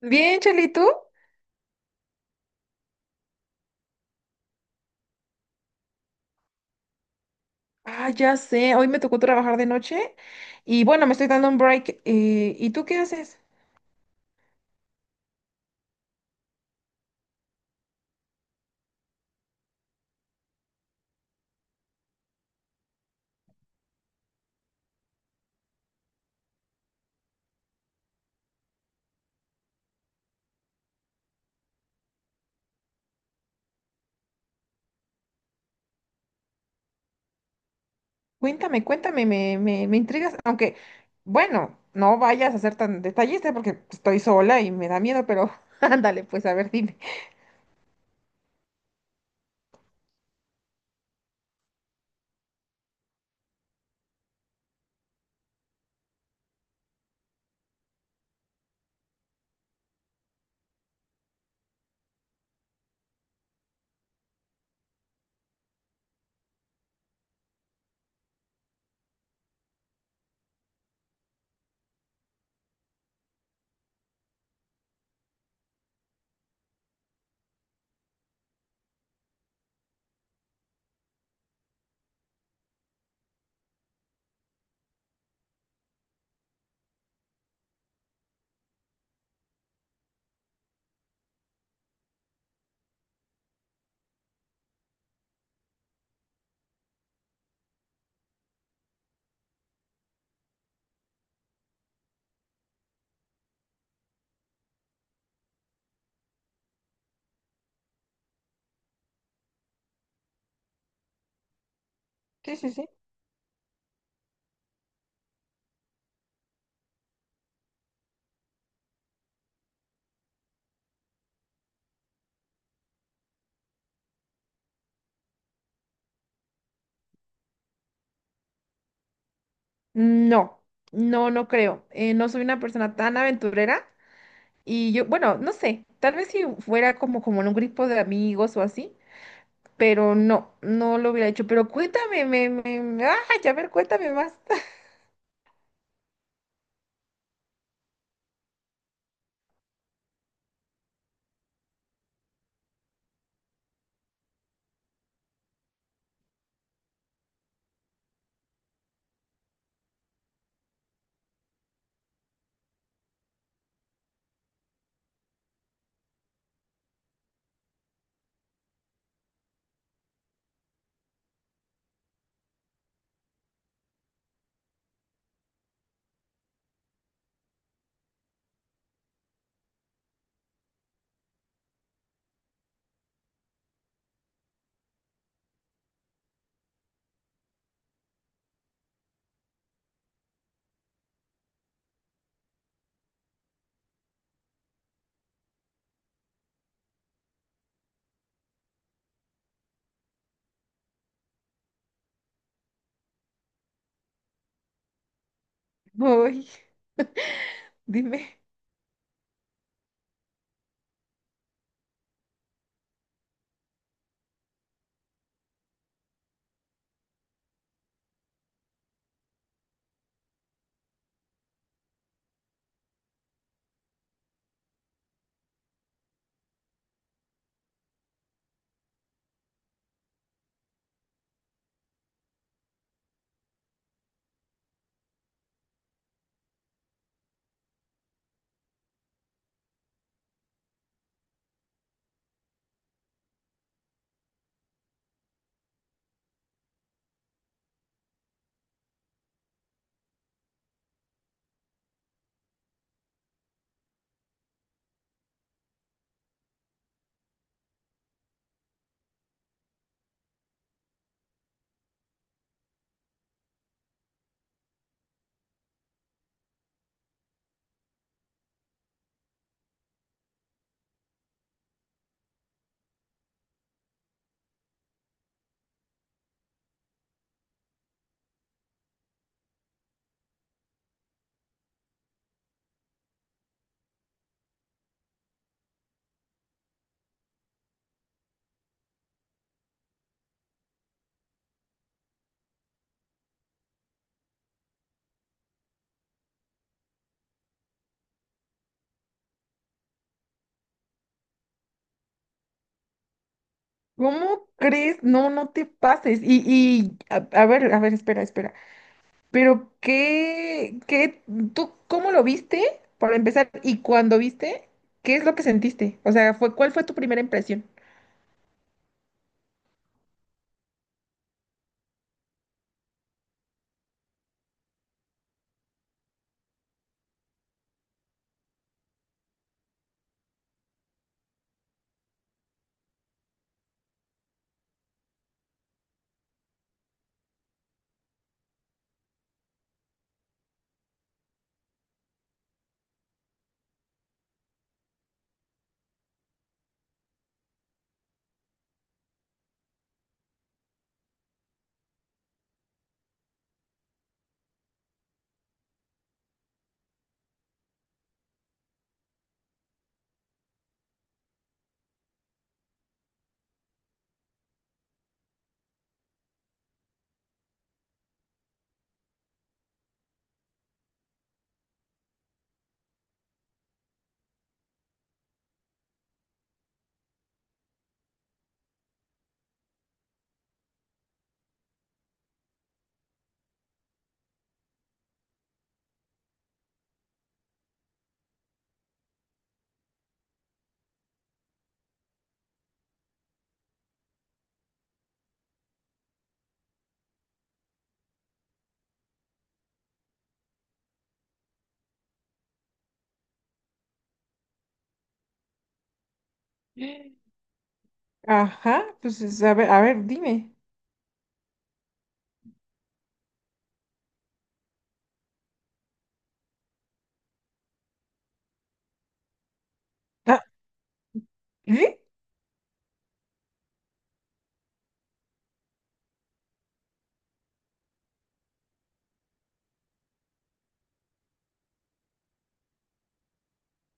Bien, Cheli, ¿tú? Ah, ya sé, hoy me tocó trabajar de noche y bueno, me estoy dando un break. ¿Y tú qué haces? Cuéntame, cuéntame, me intrigas, aunque bueno, no vayas a ser tan detallista porque estoy sola y me da miedo, pero ándale, pues a ver, dime. Sí, sí, sí. No, no, no creo. No soy una persona tan aventurera y yo, bueno, no sé, tal vez si fuera como, como en un grupo de amigos o así. Pero no, no lo hubiera hecho. Pero cuéntame, ay, a ver, cuéntame más. Ay, dime, ¿cómo crees? No, no te pases. Y a ver, espera, espera. Pero ¿tú cómo lo viste? Para empezar, y cuando viste, ¿qué es lo que sentiste? O sea, fue, ¿cuál fue tu primera impresión? Ajá, pues es- a ver, dime. Ah, ¿eh?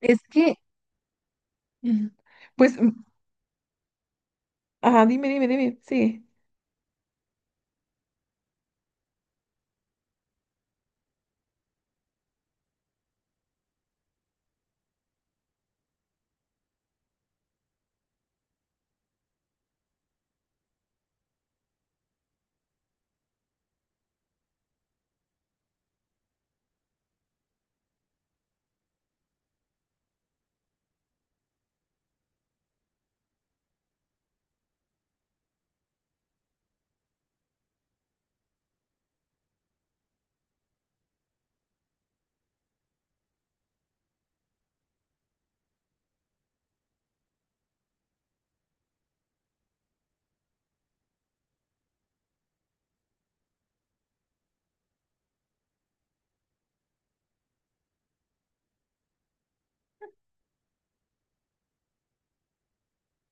Es que, mm, pues, mm, ajá, dime, dime, dime, sí,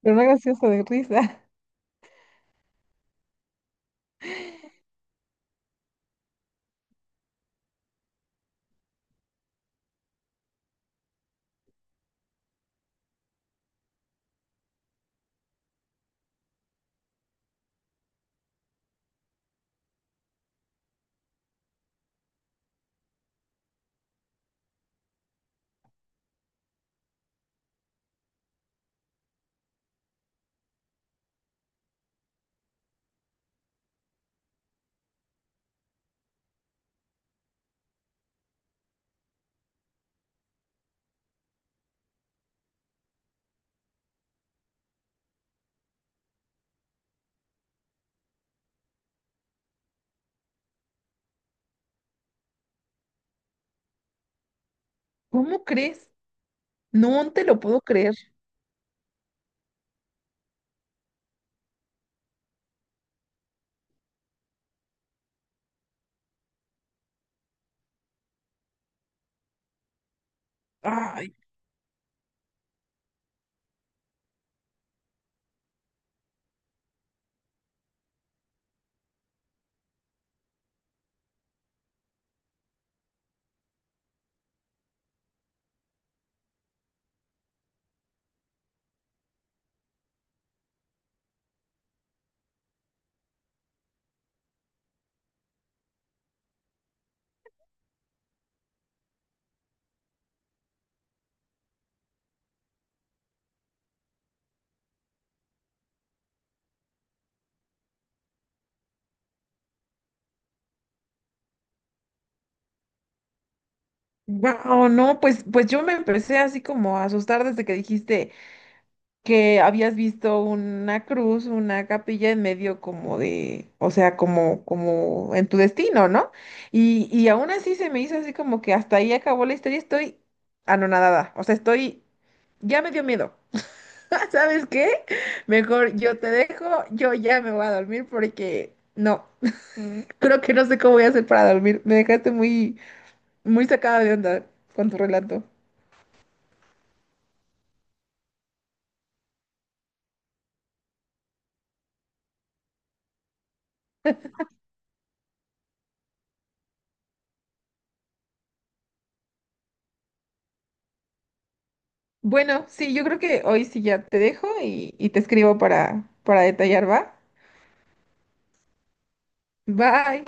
pero no gracioso de risa. ¿Cómo crees? No te lo puedo creer. Ay, wow, no, pues, pues yo me empecé así como a asustar desde que dijiste que habías visto una cruz, una capilla en medio como de, o sea, como, como en tu destino, ¿no? Y y aún así se me hizo así como que hasta ahí acabó la historia, estoy anonadada, o sea, estoy, ya me dio miedo. ¿Sabes qué? Mejor yo te dejo, yo ya me voy a dormir porque no. Creo que no sé cómo voy a hacer para dormir. Me dejaste muy, muy sacada de onda con tu relato. Bueno, sí, yo creo que hoy sí ya te dejo y te escribo para detallar, ¿va? Bye.